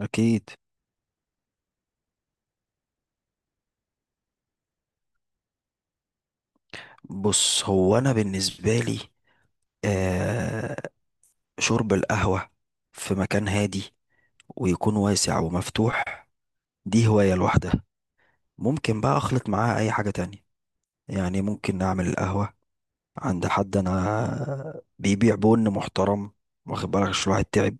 أكيد. بص، هو أنا بالنسبة لي آه شرب القهوة في مكان هادي، ويكون واسع ومفتوح. دي هواية لوحدها. ممكن بقى أخلط معاها أي حاجة تانية، يعني ممكن أعمل القهوة عند حد أنا بيبيع بن محترم، واخد بالك؟ عشان الواحد تعب.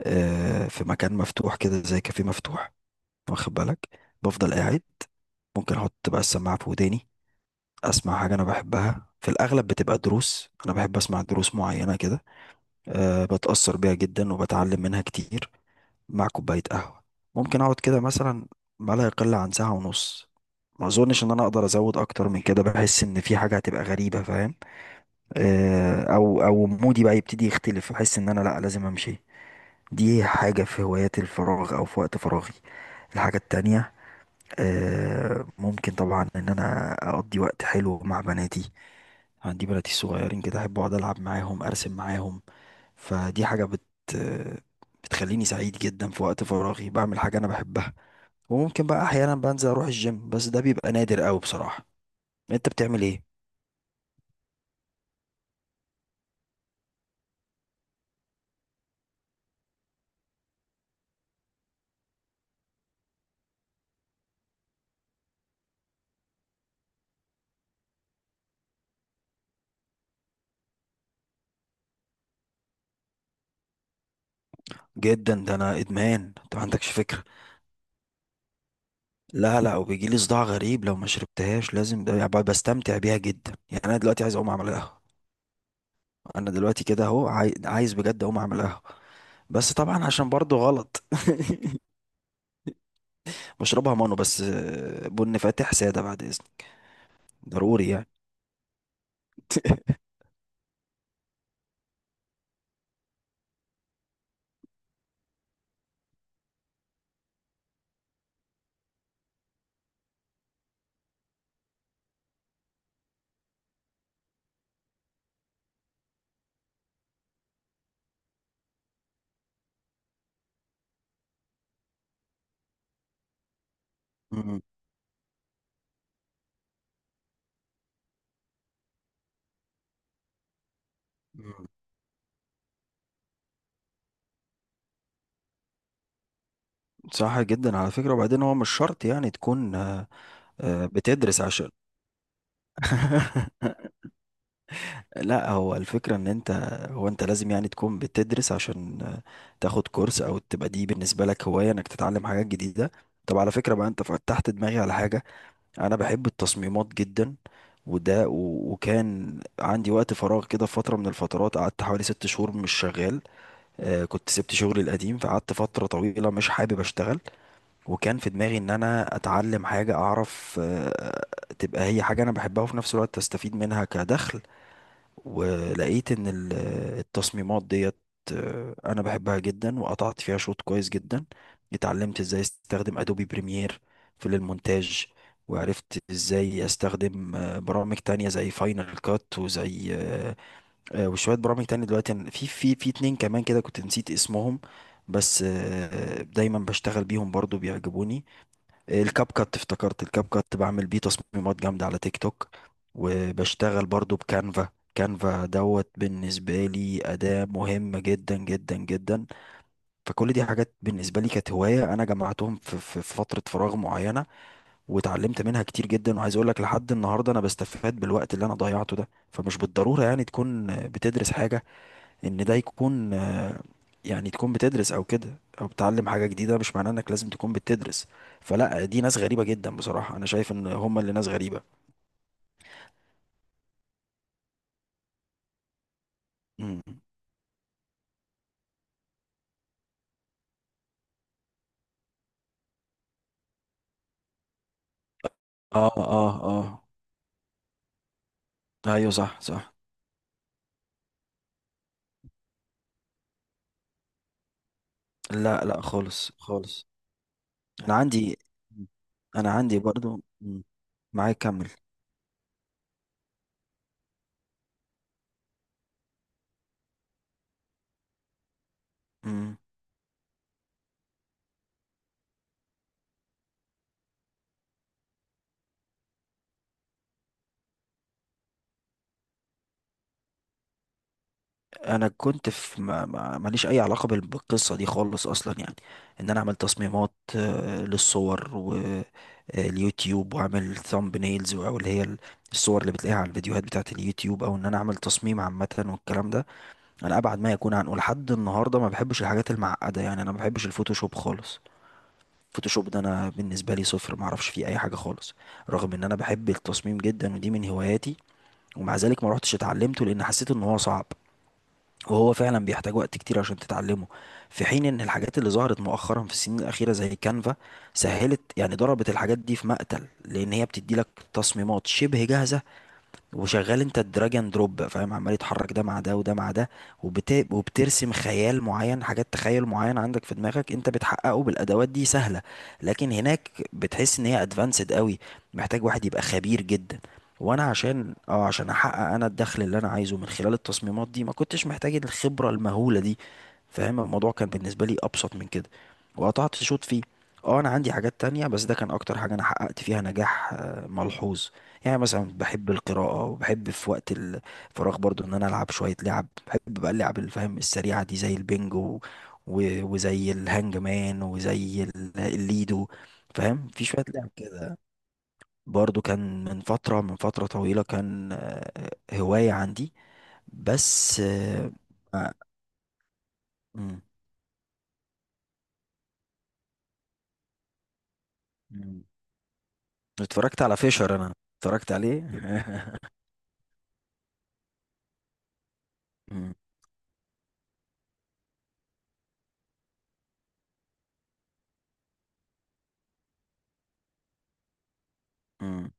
في مكان مفتوح كده، زي كافيه مفتوح، واخد بالك، بفضل قاعد. ممكن أحط بقى السماعة في وداني، أسمع حاجة أنا بحبها، في الأغلب بتبقى دروس. أنا بحب أسمع دروس معينة كده، بتأثر بيها جدا وبتعلم منها كتير، مع كوباية قهوة. ممكن أقعد كده مثلا ما لا يقل عن ساعة ونص. ما أظنش إن أنا أقدر أزود أكتر من كده، بحس إن في حاجة هتبقى غريبة، فاهم؟ أه أو أو مودي بقى يبتدي يختلف، بحس إن أنا لأ، لازم أمشي. دي حاجة في هوايات الفراغ أو في وقت فراغي. الحاجة التانية، ممكن طبعا إن أنا أقضي وقت حلو مع بناتي. عندي بناتي الصغيرين كده، أحب أقعد ألعب معاهم، أرسم معاهم. فدي حاجة بتخليني سعيد جدا. في وقت فراغي بعمل حاجة أنا بحبها. وممكن بقى أحيانا بنزل أروح الجيم، بس ده بيبقى نادر أوي بصراحة. أنت بتعمل إيه؟ جدا، ده أنا إدمان، أنت ما عندكش فكرة. لا، لا، وبيجيلي صداع غريب لو ما شربتهاش، لازم. ده يعني بستمتع بيها جدا. يعني أنا دلوقتي عايز أقوم أعمل قهوة. أنا دلوقتي كده أهو عايز بجد أقوم أعمل قهوة. بس طبعا عشان برضو غلط. بشربها مانو، بس بن فاتح سادة بعد إذنك. ضروري يعني. مم. صح جدا على فكرة. وبعدين هو مش شرط يعني تكون بتدرس عشان. لا، هو الفكرة ان انت هو انت لازم يعني تكون بتدرس عشان تاخد كورس، او تبقى دي بالنسبة لك هواية انك تتعلم حاجات جديدة. طب على فكرة بقى، انت فتحت دماغي على حاجة. انا بحب التصميمات جدا. وده وكان عندي وقت فراغ كده، في فترة من الفترات قعدت حوالي 6 شهور مش شغال. كنت سبت شغلي القديم، فقعدت فترة طويلة مش حابب اشتغل. وكان في دماغي ان انا اتعلم حاجة، اعرف تبقى هي حاجة انا بحبها، وفي نفس الوقت استفيد منها كدخل. ولقيت ان التصميمات ديت، انا بحبها جدا وقطعت فيها شوط كويس جدا. اتعلمت ازاي استخدم ادوبي بريمير في المونتاج، وعرفت ازاي استخدم برامج تانية زي فاينل كات، وزي آه، آه، وشوية برامج تانية. دلوقتي في اتنين كمان كده كنت نسيت اسمهم. بس دايما بشتغل بيهم، برضو بيعجبوني. الكاب كات، افتكرت الكاب كات، بعمل بيه تصميمات جامدة على تيك توك. وبشتغل برضو بكانفا، كانفا دوت بالنسبة لي أداة مهمة جدا جدا جدا. فكل دي حاجات بالنسبة لي كانت هواية، أنا جمعتهم في, في في فترة فراغ معينة، وتعلمت منها كتير جدا. وعايز أقول لك، لحد النهاردة أنا بستفاد بالوقت اللي أنا ضيعته ده. فمش بالضرورة يعني تكون بتدرس حاجة، ان ده يكون يعني تكون بتدرس او كده، او بتعلم حاجة جديدة. مش معناه انك لازم تكون بتدرس. فلا، دي ناس غريبة جدا بصراحة، انا شايف ان هم اللي ناس غريبة. مم. اه، اه، اه. ايوه، صح، صح. لا، لا، خالص، خالص. انا عندي انا عندي برضو. مم. معاك، كمل. مم. انا كنت في ما ما- ماليش اي علاقه بالقصه دي خالص اصلا، يعني ان انا اعمل تصميمات للصور واليوتيوب، واعمل ثامب نيلز، او اللي هي الصور اللي بتلاقيها على الفيديوهات بتاعت اليوتيوب، او ان انا اعمل تصميم عامه والكلام ده. انا ابعد ما يكون عنه لحد النهارده. ما بحبش الحاجات المعقده، يعني انا ما بحبش الفوتوشوب خالص. الفوتوشوب ده انا بالنسبه لي صفر، ما اعرفش فيه اي حاجه خالص. رغم ان انا بحب التصميم جدا، ودي من هواياتي، ومع ذلك ما روحتش اتعلمته، لان حسيت ان هو صعب، وهو فعلا بيحتاج وقت كتير عشان تتعلمه. في حين ان الحاجات اللي ظهرت مؤخرا في السنين الاخيره زي كانفا، سهلت، يعني ضربت الحاجات دي في مقتل، لان هي بتدي لك تصميمات شبه جاهزه. وشغال انت الدراج اند دروب، فاهم، عمال يتحرك ده مع ده، وده مع ده. وبترسم خيال معين، حاجات تخيل معين عندك في دماغك، انت بتحققه بالادوات دي سهله. لكن هناك بتحس ان هي ادفانسد قوي، محتاج واحد يبقى خبير جدا. وانا عشان احقق انا الدخل اللي انا عايزه من خلال التصميمات دي، ما كنتش محتاج الخبره المهوله دي، فاهم؟ الموضوع كان بالنسبه لي ابسط من كده. وقطعت شوط فيه. اه، انا عندي حاجات تانية، بس ده كان اكتر حاجه انا حققت فيها نجاح ملحوظ. يعني مثلا بحب القراءة. وبحب في وقت الفراغ برضو ان انا العب شوية لعب، بحب بقى اللعب اللي، فاهم، السريعة دي، زي البنجو وزي الهانج مان، وزي الليدو، فاهم، في شوية لعب كده. برضو كان من فترة طويلة، كان هواية عندي. بس، آه، آه، مم، مم. اتفرجت على فيشر انا، اتفرجت عليه. مم، مم،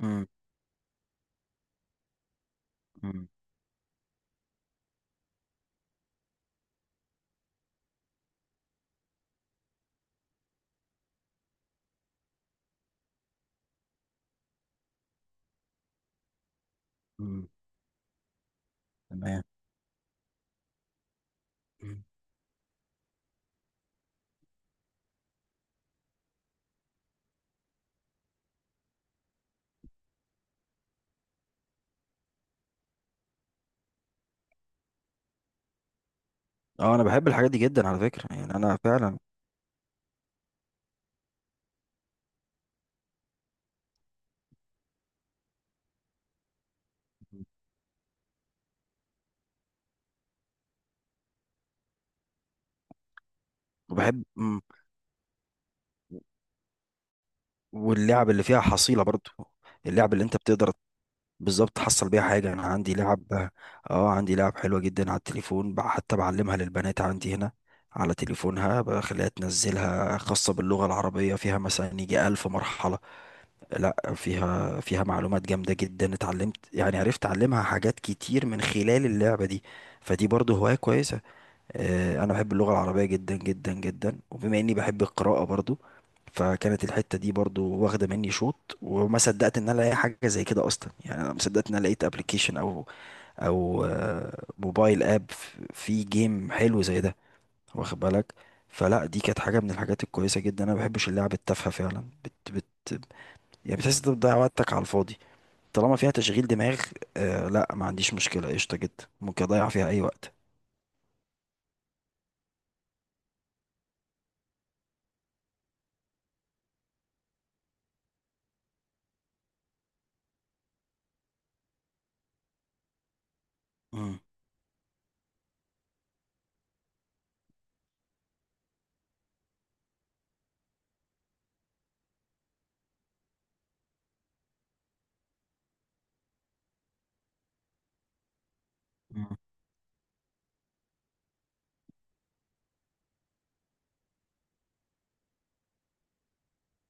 مم، مم، مم. تمام. مم. اه، انا بحب الحاجات دي جدا على فكرة، يعني انا فعلا. وبحب، مم. واللعب اللي فيها حصيلة برضو، اللعب اللي انت بتقدر بالظبط تحصل بيها حاجة. انا عندي لعب اه عندي لعب حلوة جدا على التليفون، حتى بعلمها للبنات عندي هنا. على تليفونها بخليها تنزلها، خاصة باللغة العربية، فيها مثلا يجي 1000 مرحلة. لا، فيها معلومات جامدة جدا، اتعلمت، يعني عرفت أعلمها حاجات كتير من خلال اللعبة دي. فدي برضو هواية كويسة. انا بحب اللغه العربيه جدا جدا جدا، وبما اني بحب القراءه برضو، فكانت الحته دي برضو واخده مني شوط. وما صدقت ان انا الاقي حاجه زي كده اصلا، يعني انا ما صدقت ان انا لقيت ابلكيشن او موبايل اب فيه جيم حلو زي ده، واخد بالك؟ فلا، دي كانت حاجه من الحاجات الكويسه جدا. انا ما بحبش اللعب التافهه فعلا، بت بت يعني بتحس انت بتضيع وقتك على الفاضي. طالما فيها تشغيل دماغ، آه، لا، ما عنديش مشكله، قشطه جدا، ممكن اضيع فيها اي وقت. مم.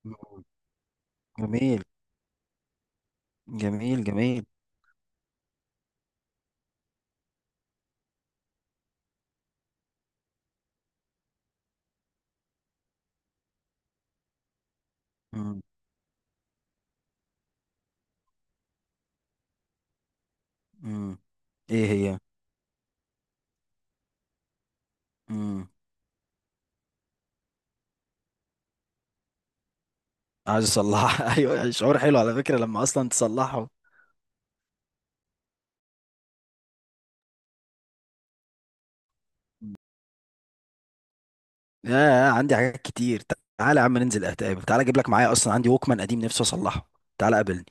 مم. جميل، جميل، جميل. مم. مم. ايه هي؟ مم. عايز اصلحها. ايوه، شعور حلو على فكرة لما اصلا تصلحه. يا، عندي حاجات كتير، تعالى يا عم، ننزل اتقابل، تعالى اجيب لك معايا اصلا عندي ووكمان قديم نفسي اصلحه. تعالى قابلني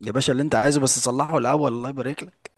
يا باشا، اللي انت عايزه بس صلحه الاول، الله يبارك لك.